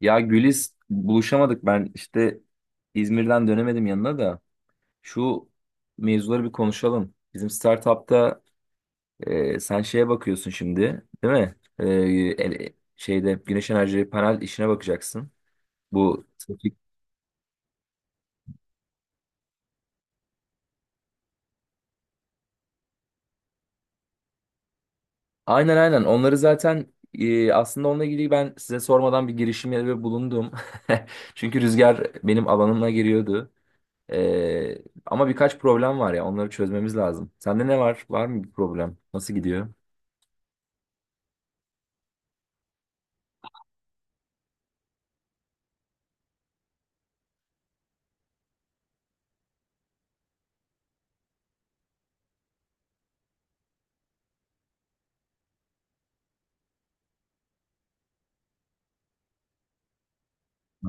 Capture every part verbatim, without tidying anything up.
Ya Güliz buluşamadık ben işte İzmir'den dönemedim yanına da şu mevzuları bir konuşalım. Bizim startup'ta e, sen şeye bakıyorsun şimdi değil mi? E, ele- şeyde güneş enerji panel işine bakacaksın. Bu aynen aynen onları zaten e, aslında onunla ilgili ben size sormadan bir girişimde bulundum. Çünkü rüzgar benim alanıma giriyordu. E, ama birkaç problem var ya onları çözmemiz lazım. Sende ne var? Var mı bir problem? Nasıl gidiyor? Hı,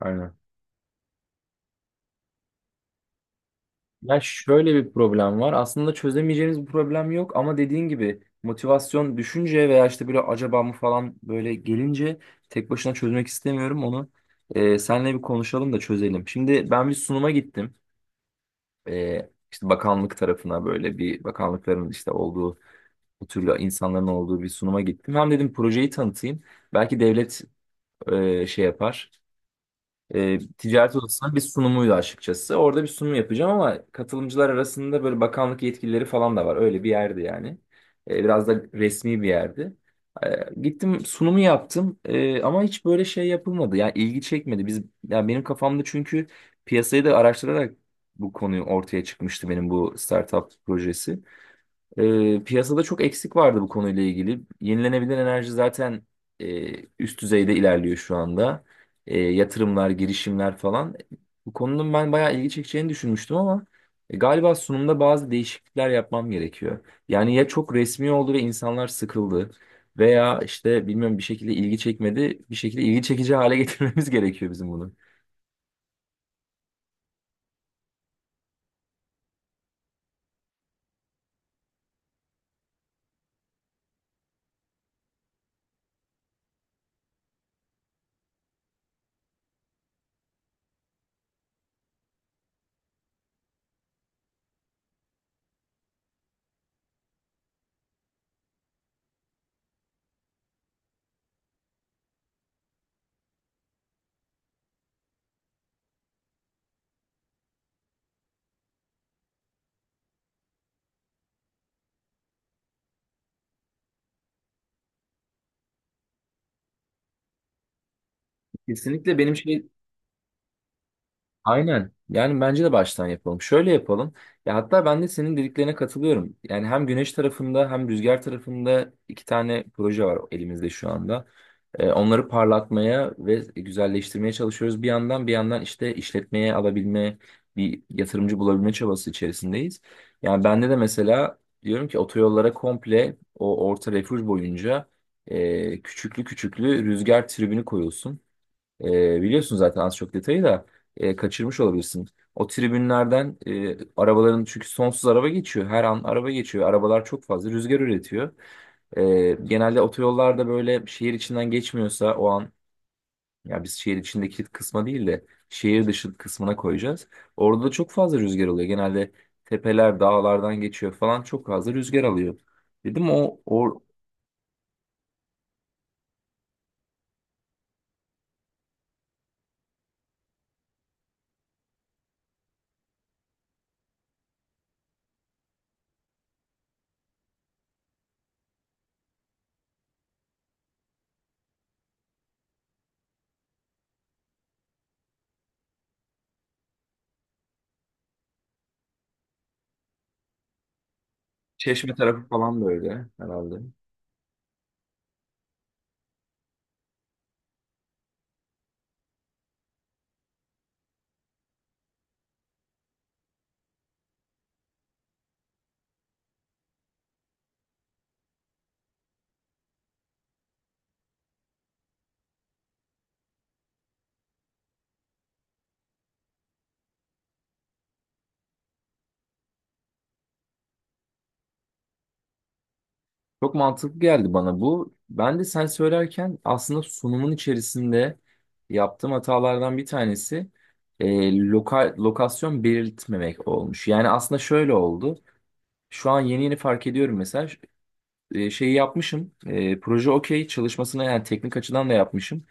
Aynen. Ya şöyle bir problem var. Aslında çözemeyeceğimiz bir problem yok ama dediğin gibi motivasyon düşünce veya işte böyle acaba mı falan böyle gelince tek başına çözmek istemiyorum onu. Ee, senle bir konuşalım da çözelim. Şimdi ben bir sunuma gittim. Ee, işte bakanlık tarafına böyle bir bakanlıkların işte olduğu bu türlü insanların olduğu bir sunuma gittim. Hem dedim projeyi tanıtayım. Belki devlet e, şey yapar. E, ticaret odasının bir sunumuydu açıkçası. Orada bir sunum yapacağım ama katılımcılar arasında böyle bakanlık yetkilileri falan da var. Öyle bir yerdi yani. E, biraz da resmi bir yerdi. E, gittim sunumu yaptım E, ama hiç böyle şey yapılmadı. Yani ilgi çekmedi. Biz, yani benim kafamda çünkü piyasayı da araştırarak bu konuyu ortaya çıkmıştı benim bu startup projesi. Ee, piyasada çok eksik vardı bu konuyla ilgili. Yenilenebilir enerji zaten e, üst düzeyde ilerliyor şu anda. E, yatırımlar, girişimler falan. Bu konunun ben bayağı ilgi çekeceğini düşünmüştüm ama e, galiba sunumda bazı değişiklikler yapmam gerekiyor. Yani ya çok resmi oldu ve insanlar sıkıldı veya işte bilmiyorum bir şekilde ilgi çekmedi. Bir şekilde ilgi çekici hale getirmemiz gerekiyor bizim bunu. Kesinlikle benim şey Aynen. Yani bence de baştan yapalım. Şöyle yapalım. Ya hatta ben de senin dediklerine katılıyorum. Yani hem güneş tarafında hem rüzgar tarafında iki tane proje var elimizde şu anda. Ee, onları parlatmaya ve güzelleştirmeye çalışıyoruz. Bir yandan bir yandan işte işletmeye alabilme, bir yatırımcı bulabilme çabası içerisindeyiz. Yani bende de mesela diyorum ki otoyollara komple o orta refüj boyunca e, küçüklü küçüklü rüzgar tribünü koyulsun. E, biliyorsun zaten az çok detayı da e, kaçırmış olabilirsin. O tribünlerden e, arabaların çünkü sonsuz araba geçiyor. Her an araba geçiyor. Arabalar çok fazla rüzgar üretiyor. E, genelde otoyollarda böyle şehir içinden geçmiyorsa o an ya biz şehir içindeki kısma değil de şehir dışı kısmına koyacağız. Orada da çok fazla rüzgar oluyor. Genelde tepeler dağlardan geçiyor falan çok fazla rüzgar alıyor. Dedim o, o Çeşme tarafı falan böyle herhalde. Çok mantıklı geldi bana bu. Ben de sen söylerken aslında sunumun içerisinde yaptığım hatalardan bir tanesi e, loka- lokasyon belirtmemek olmuş. Yani aslında şöyle oldu. Şu an yeni yeni fark ediyorum mesela ş- e, şeyi yapmışım. E, proje okey çalışmasını yani teknik açıdan da yapmışım.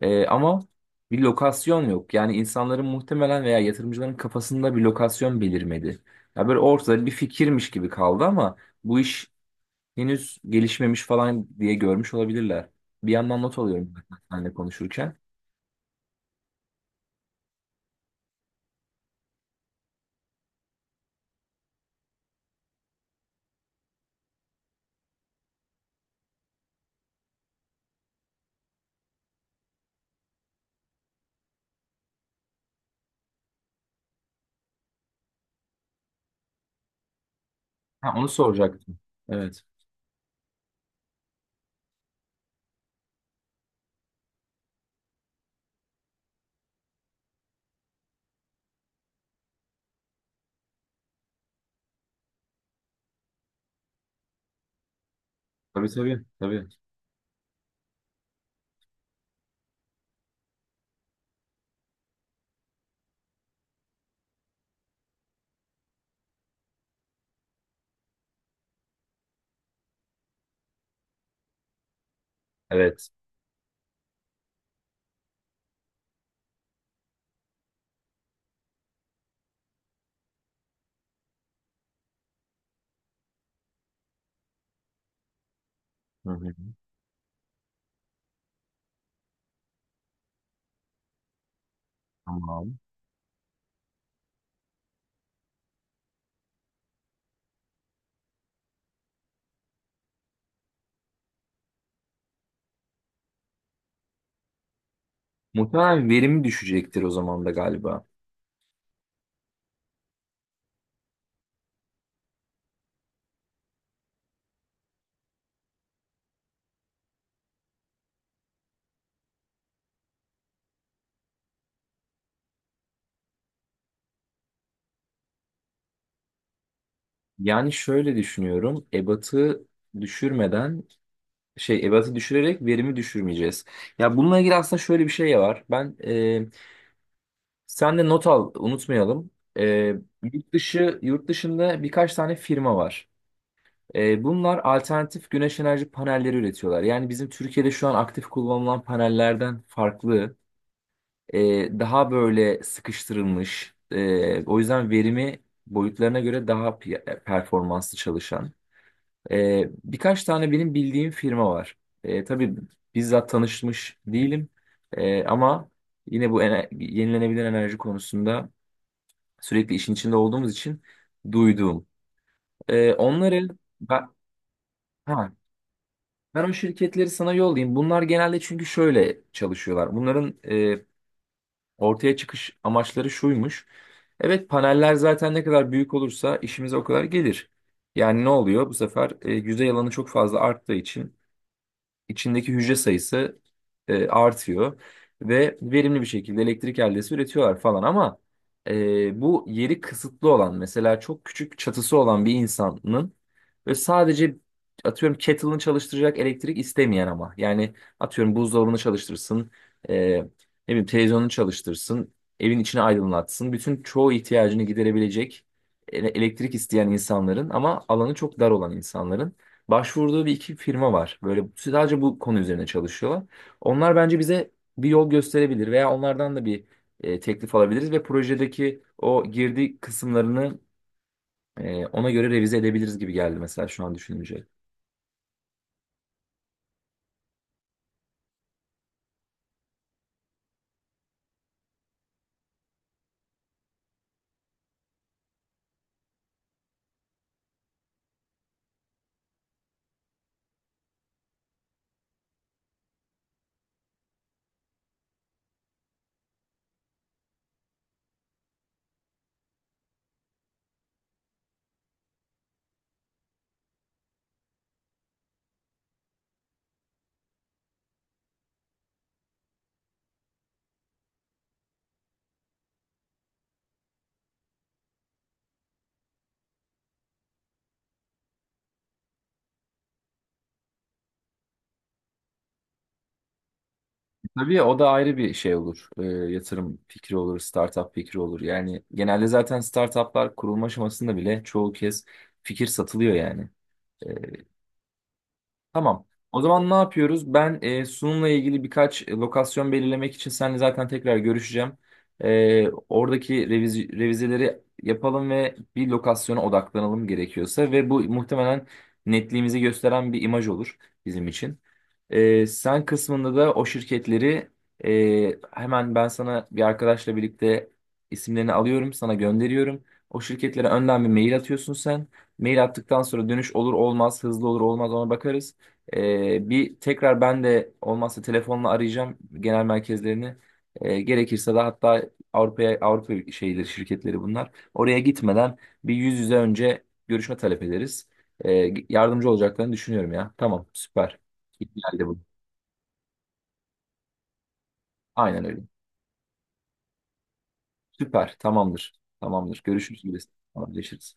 E, ama bir lokasyon yok. Yani insanların muhtemelen veya yatırımcıların kafasında bir lokasyon belirmedi. Ya böyle ortada bir fikirmiş gibi kaldı ama bu iş henüz gelişmemiş falan diye görmüş olabilirler. Bir yandan not alıyorum zaten seninle konuşurken. Ha, onu soracaktım. Evet. Tabii tabii. Tabii. Evet. Hı hı. Tamam. Muhtemelen verimi düşecektir o zaman da galiba. Yani şöyle düşünüyorum. Ebatı düşürmeden şey ebatı düşürerek verimi düşürmeyeceğiz. Ya bununla ilgili aslında şöyle bir şey var. Ben e, sen de not al unutmayalım. E, yurt dışı yurt dışında birkaç tane firma var. E, bunlar alternatif güneş enerji panelleri üretiyorlar. Yani bizim Türkiye'de şu an aktif kullanılan panellerden farklı, e, daha böyle sıkıştırılmış, e, o yüzden verimi boyutlarına göre daha pi- performanslı çalışan. E, birkaç tane benim bildiğim firma var. E, tabii bizzat tanışmış değilim E, ama yine bu ene- yenilenebilir enerji konusunda sürekli işin içinde olduğumuz için duyduğum. E, onları ben, Ben o şirketleri sana yollayayım. Bunlar genelde çünkü şöyle çalışıyorlar. Bunların e, ortaya çıkış amaçları şuymuş. Evet paneller zaten ne kadar büyük olursa işimize o kadar gelir. Yani ne oluyor? Bu sefer e, yüzey alanı çok fazla arttığı için içindeki hücre sayısı e, artıyor ve verimli bir şekilde elektrik eldesi üretiyorlar falan ama e, bu yeri kısıtlı olan mesela çok küçük çatısı olan bir insanın ve sadece atıyorum kettle'ını çalıştıracak elektrik istemeyen ama yani atıyorum buzdolabını çalıştırsın e, ne bileyim televizyonunu çalıştırsın evin içini aydınlatsın bütün çoğu ihtiyacını giderebilecek ele- elektrik isteyen insanların ama alanı çok dar olan insanların başvurduğu bir iki firma var. Böyle sadece bu konu üzerine çalışıyorlar. Onlar bence bize bir yol gösterebilir veya onlardan da bir e, teklif alabiliriz ve projedeki o girdi kısımlarını e, ona göre revize edebiliriz gibi geldi mesela şu an düşününce. Tabii ya, o da ayrı bir şey olur. E, yatırım fikri olur, startup fikri olur. Yani genelde zaten startuplar kurulma aşamasında bile çoğu kez fikir satılıyor yani. Tamam. O zaman ne yapıyoruz? Ben e, sunumla ilgili birkaç e, lokasyon belirlemek için seninle zaten tekrar görüşeceğim. E, oradaki reviz- revizeleri yapalım ve bir lokasyona odaklanalım gerekiyorsa ve bu muhtemelen netliğimizi gösteren bir imaj olur bizim için. E, sen kısmında da o şirketleri e, hemen ben sana bir arkadaşla birlikte isimlerini alıyorum, sana gönderiyorum. O şirketlere önden bir mail atıyorsun sen. Mail attıktan sonra dönüş olur olmaz, hızlı olur olmaz ona bakarız. Ee, bir tekrar ben de olmazsa telefonla arayacağım genel merkezlerini. Ee, gerekirse de hatta Avrupa'ya Avrupa şeyleri şirketleri bunlar. Oraya gitmeden bir yüz yüze önce görüşme talep ederiz. Ee, yardımcı olacaklarını düşünüyorum ya. Tamam, süper. İyi geldi bu. Aynen öyle. Süper, tamamdır. Tamamdır. Görüşürüz. Tamamdır.